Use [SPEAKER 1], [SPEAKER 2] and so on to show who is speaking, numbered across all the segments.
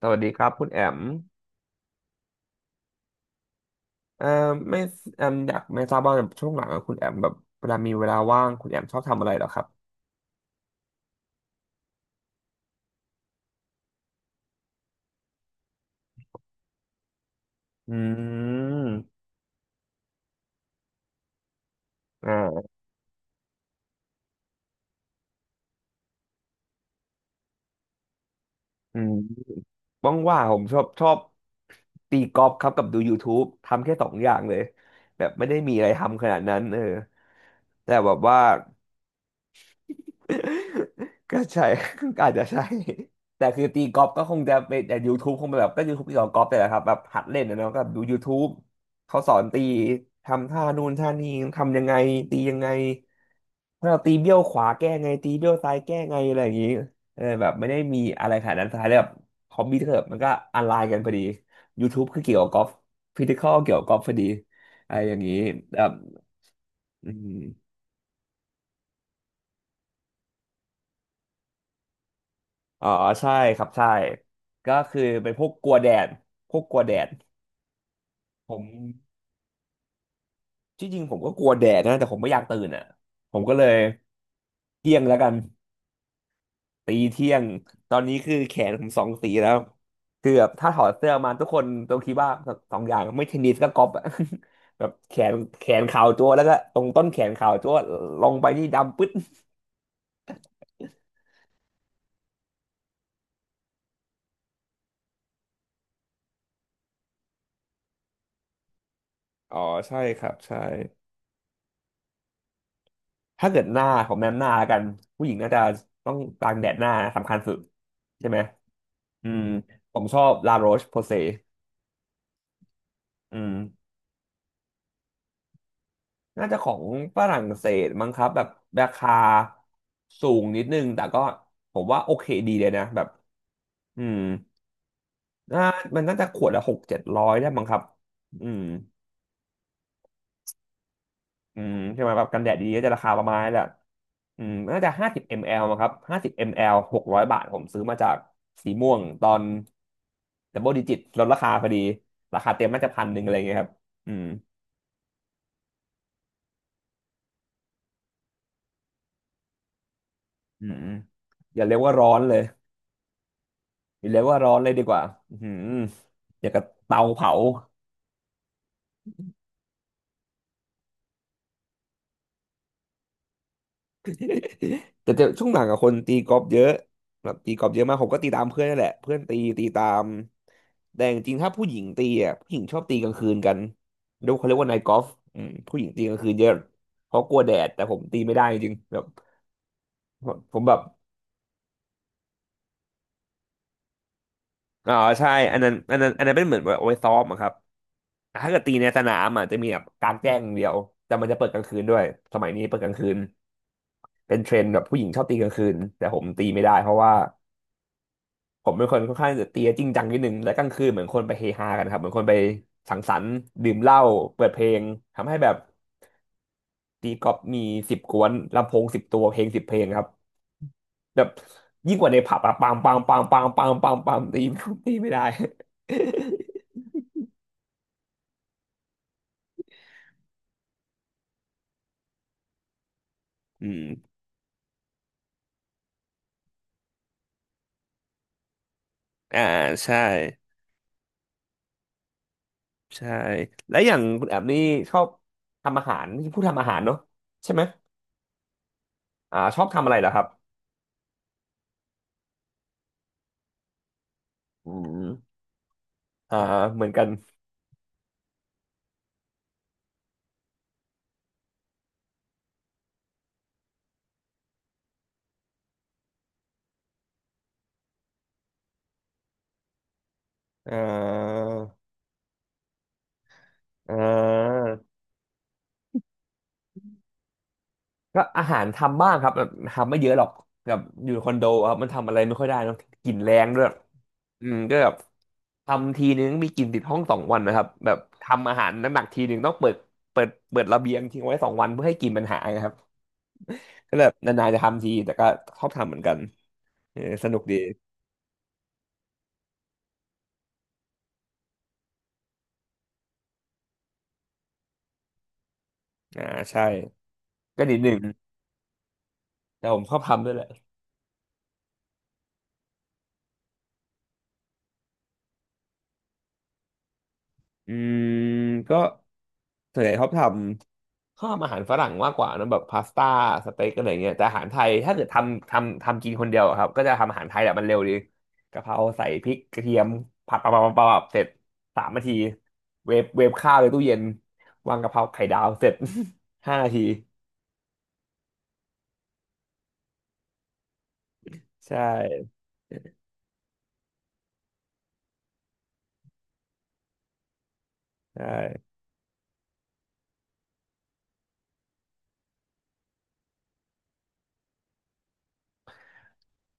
[SPEAKER 1] สวัสดีครับคุณแอมเอ่อไม่แอมอยากไม่ทราบว่าช่วงหลังอะคุณแอมแบบเวลามีเวลาว่างคุณแอมชอบทำอะไรเหรอครับอืมอ่าอืมว่างๆผมชอบตีกอล์ฟครับกับดู YouTube ทำแค่สองอย่างเลยแบบไม่ได้มีอะไรทำขนาดนั้นเออแต่แบบว่า ก็ใช่ อาจจะใช่ แต่คือตีกอล์ฟก็คงจะเป็นแต่ YouTube คงเป็นแบบก็ YouTube ที่สอนกอล์ฟแต่แหละครับแบบหัดเล่นนะเนาะก็ดู YouTube เขาสอนตีทำท่านู่นท่านี้ทำยังไงตียังไงถ้าเราตีเบี้ยวขวาแก้ไงตีเบี้ยวซ้ายแก้ไงอะไรอย่างนี้เออแบบไม่ได้มีอะไรขนาดนั้นสุดท้ายแล้วแบบฮอบบี้เถอะมันก็ออนไลน์กันพอดี YouTube คือเกี่ยวกับกอล์ฟฟิสิคอลเกี่ยวกับกอล์ฟพอดีอะไรอย่างนี้แบบอืม อ๋อใช่ครับใช่ก็คือเป็นพวกกลัวแดดพวกกลัวแดดผมที่จริงผมก็กลัวแดดนะแต่ผมไม่อยากตื่นอ่ะผมก็เลยเที่ยงแล้วกันตีเที่ยงตอนนี้คือแขนผมสองสีแล้วคือแบบถ้าถอดเสื้อมาทุกคนต้องคิดว่าสองอย่างไม่เทนนิสก็กอล์ฟอะ แบบแขนแขนขาวจั๊วแล้วก็ตรงต้นแขนขาวจั๊วลงไปนี่ดำปึ๊ดอ๋อใช่ครับใช่ถ้าเกิดหน้าผมแนะนำหน้าแล้วกันผู้หญิงน่าจะต้องกางแดดหน้าสำคัญสุดใช่ไหม อืมผมชอบลาโรชโพเซอืมน่าจะของฝรั่งเศสมั้งครับแบบราคาสูงนิดนึงแต่ก็ผมว่าโอเคดีเลยนะแบบอืมน่ามันน่าจะขวดละหกเจ็ดร้อยได้มั้งครับอืมใช่ไหมแบบกันแดดดีๆก็จะราคาประมาณนี้แหละน่าจะห้าสิบมลลิลิตรมั้งครับห้าสิบมลลิลิตร600 บาทผมซื้อมาจากสีม่วงตอนดับเบิลดิจิตลดราคาพอดีราคาเต็มน่าจะพันหนึ่งอะไรเงี้ยครับอืมอืมอืมอย่าเรียกว่าร้อนเลย มีเลียกว่าร้อนเลยดีกว่าอือหืออย่างกับเตาเผาแต่จะช่วงหลังกับคนตีกอล์ฟเยอะแบบตีกอล์ฟเยอะมากผมก็ตีตามเพื่อนนั่นแหละเพื่อนตีตามแต่จริงๆถ้าผู้หญิงตีอ่ะผู้หญิงชอบตีกลางคืนกันเรียกเขาเรียกว่านายกอล์ฟอืมผู้หญิงตีกลางคืนเยอะเพราะกลัวแดดแต่ผมตีไม่ได้จริงๆแบบผมแบบ อ๋อใช่อันนั้นเป็นเหมือนแบบเอาไว้ซ้อมอะครับแต่ถ้าเกิดตีในสนามอ่ะจะมีแบบกลางแจ้งอย่างเดียวแต่มันจะเปิดกลางคืนด้วยสมัยนี้เปิดกลางคืนเป็นเทรนด์แบบผู้หญิงชอบตีกลางคืนแต่ผมตีไม่ได้เพราะว่าผมเป็นคนค่อนข้างจะตีจริงจังนิดนึงและกลางคืนเหมือนคนไปเฮฮากันครับเหมือนคนไปสังสรรค์ดื่มเหล้าเปิดเพลงทำให้แบบตีกอล์ฟมีสิบกวนลำโพง10 ตัวเพลง10 เพลงครับแบบยิ่งกว่าในผับอะปังปังปังปังปังปังปังตีตีไม่ได้ อืมอ่าใช่ใช่ และอย่างคุณแอบนี่ชอบทำอาหารนี่พูดทำอาหารเนอะใช่ไหมอ่าชอบทำอะไรเหรอครับอืมอ่าเหมือนกันเอ่าอ่าก็อาหารทำบ้างครับแบบทำไม่เยอะหรอกแบบอยู่คอนโดครับมันทำอะไรไม่ค่อยได้เนอะกลิ่นแรงด้วยก็แบบทำทีนึงมีกลิ่นติดห้องสองวันนะครับแบบทำอาหารหนักๆทีนึงต้องเปิดเปิดระเบียงทิ้งไว้สองวันเพื่อให้กลิ่นมันหายครับ ก็แบบนานๆจะทำทีแต่ก็ชอบทำเหมือนกันเออสนุกดีอ่าใช่ก็นิดหนึ่งแต่ผมชอบทำด้วยแหละอืมก็ส่วนใหญ่ชอบทำชอบอาหารฝรั่งมากกว่านะแบบพาสต้าสเต็กอะไรเงี้ยแต่อาหารไทยถ้าเกิดทำกินคนเดียวอะครับก็จะทำอาหารไทยแหละมันเร็วดีกะเพราใส่พริกกระเทียมผัดปับปับปับปับเสร็จ3 นาทีเวฟข้าวในตู้เย็นวางกะเพราไข่ดาวเสร็จ 5 นาทีใช่ใช่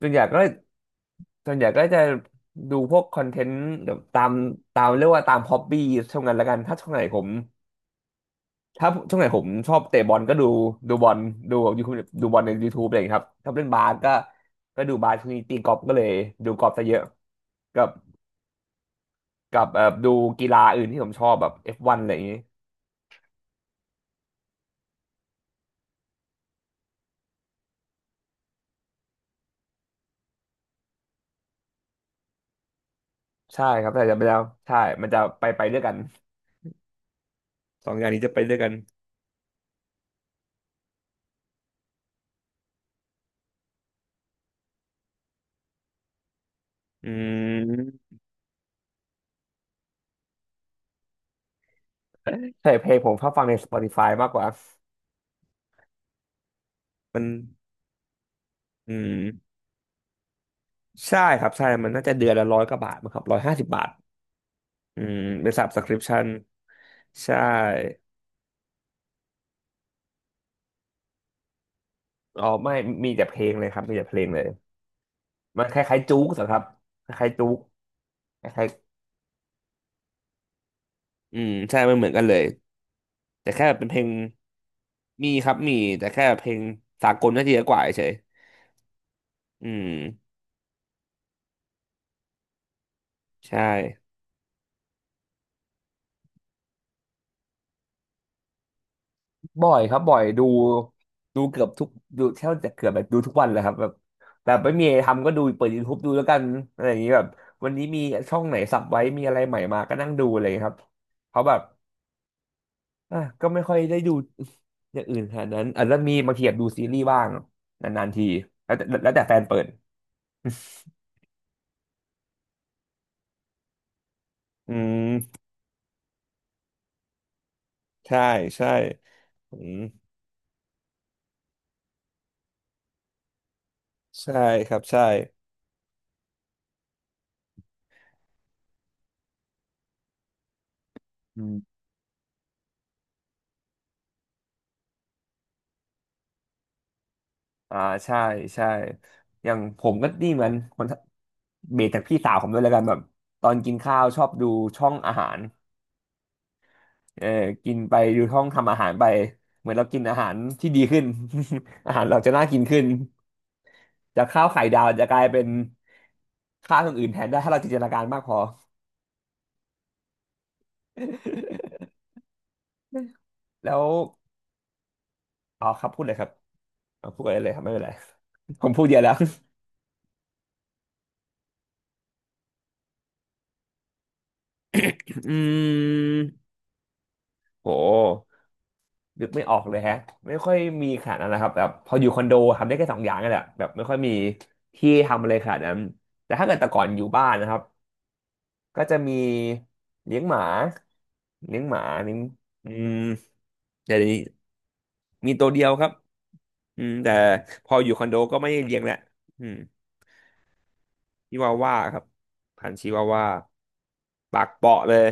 [SPEAKER 1] ส่วนใหญ่ก็ส่วนใหญ่ก็จะดูพวกคอนเทนต์แบบตามเรียกว่าตามฮอบบี้ช่วงนั้นละกันถ้าช่วงไหนผมชอบเตะบอลก็ดูดูบอลดูยูทูบดูบอลใน YouTube อะไรอย่างเงี้ยครับชอบเล่นบาสก็ก็ดูบาสช่วงนี้ตีกอล์ฟก็เลยดูกอล์ฟซะเยอะกับกับดูกีฬาอื่นที่ผมชอบแบบ F1 อฟวันอะไรอย่างงี้ใช่ครับแต่จะไปแล้วใช่มันจะไปด้วยกันสองอย่างนี้จะไปด้วยกันอืม ใช่เพลงผมชอบฟังใน Spotify มากกว่ามันอืม ใช่ครับใช่มันน่าจะเดือนละ100 กว่าบาทมั้งครับ150 บาทอืมเป็น subscription ใช่อ๋อไม่มีแต่เพลงเลยครับมีแต่เพลงเลยมันคล้ายๆจู๊กสิครับคล้ายๆจู๊กคล้ายๆอืมใช่มันเหมือนกันเลยแต่แค่เป็นเพลงมีครับมีแต่แค่เพลงสากลน่าจะเยอะกว่าเฉยอืมใช่ บ่อยครับบ่อยดูดูเกือบทุกดูแทบจะเกือบแบบดูทุกวันเลยครับแบบแต่ไม่มีอะไรทำก็ดูเปิด YouTube ดูแล้วกันอะไรอย่างนี้แบบวันนี้มีช่องไหนสับไว้มีอะไรใหม่มาก็นั่งดูอะไรอย่างนี้ครับเพราะแบบอ่ะก็ไม่ค่อยได้ดูอย่างอื่นขนาดนั้นอาจจะมีบางทีแบบดูซีรีส์บ้างนานๆทีแล้วแต่แฟนเปิด อืมใช่ใช่อืมใช่ครับใช่อื อ่าใช่ใช่อย่างผมก็นี่เหมือนคนเบสจากพี่สาวผมด้วยแล้วกันแบบตอนกินข้าวชอบดูช่องอาหารเออกินไปดูช่องทำอาหารไปเหมือนเรากินอาหารที่ดีขึ้น อาหารเราจะน่ากินขึ้นจากข้าวไข่ดาวจะกลายเป็นข้าวอย่างอื่นแทนได้ถ้าเราจินตนาการมากพอ แล้วอ๋อครับพูดเลยครับเอาพูดอะไรเลยครับไม่เป็นไร ผมพูดเยอะแล้วอืม โห นึกไม่ออกเลยแฮะไม่ค่อยมีขนาดนั้นนะครับแบบพออยู่คอนโดทำได้แค่สองอย่างนั่นแหละแบบไม่ค่อยมีที่ทำอะไรขนาดนั้นแต่ถ้าเกิดแต่ก่อนอยู่บ้านนะครับก็จะมีเลี้ยงหมาเลี้ยงหมาเลี้ยงอืมเดี๋ยวนี้มีตัวเดียวครับอืมแต่พออยู่คอนโดก็ไม่ได้เลี้ยงแหละอืมชิวาว่าครับพันธุ์ชิวาว่าปากเปราะเลย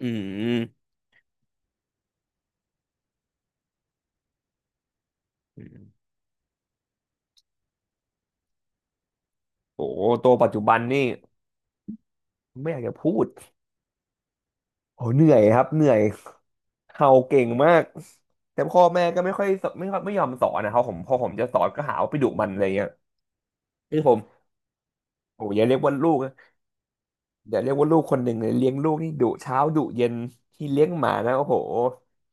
[SPEAKER 1] อืมอืมโอ้โหตัวปัจจุบันนี่ไม่อยากจะพูดโอ้เหนื่อยครับเหนื่อย เห่าเก่งมากแต่พ่อแม่ก็ไม่ค่อยสไม่ค่อยไม่ยอมสอนนะครับผมพอผมจะสอนก็หาว่าไปดุมันอะไรเงี้ยคือผมโอ้ยอย่าเรียกว่าลูกนะอย่าเรียกว่าลูกคนหนึ่งเลยเลี้ยงลูกนี่ดุเช้าดุเย็นที่เลี้ยงหมานะโอ้โห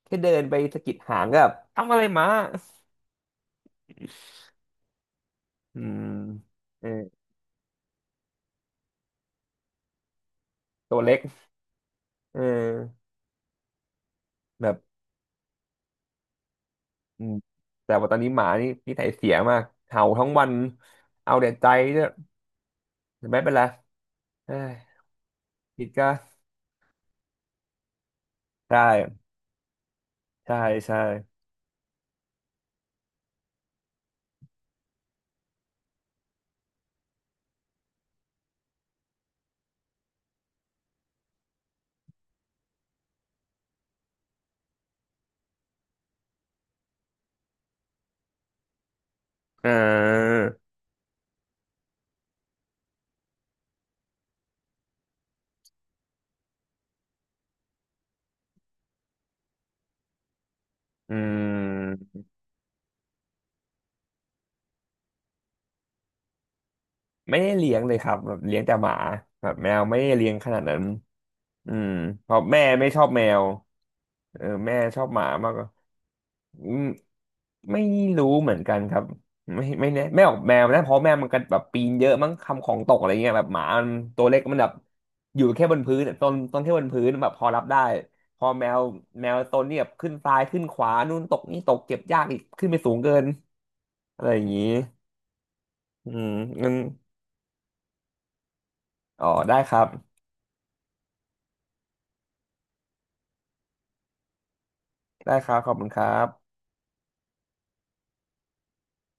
[SPEAKER 1] แค่เดินไปสะกิดหางก็แบบทำอะไรหมาอืมเออตัวเล็กเออแบบอืมแต่ว่าตอนนี้หมานี่นิสัยเสียมากเห่าทั้งวันเอาแต่ใจเนี่ยแต่ไม่เป็นไรเอ้ยผิดก็ใช่ใช่ใช่เออ อืมไม่ได้เลี้ยงเลยครับแบบเลี้ยงแต่หมาแบบแมวไม่ได้เลี้ยงขนาดนั้นอืมเพราะแม่ไม่ชอบแมวเออแม่ชอบหมามากกว่าอืมไม่รู้เหมือนกันครับไม่แน่แม่ออกแมวนะเพราะแมวมันก็แบบปีนเยอะมั้งทำของตกอะไรเงี้ยแบบหมามันตัวเล็กมันแบบอยู่แค่บนพื้นต้นแค่บนพื้นแบบพอรับได้พอแมวแมวต้นนี่แบบขึ้นซ้ายขึ้นขวานู่นตกนี่ตกเก็บยากอีกขึ้นไปสูงเกินอะไรอย่างงี้อืมงั้น อ๋อได้ครับได้ครับขอบคุณครับ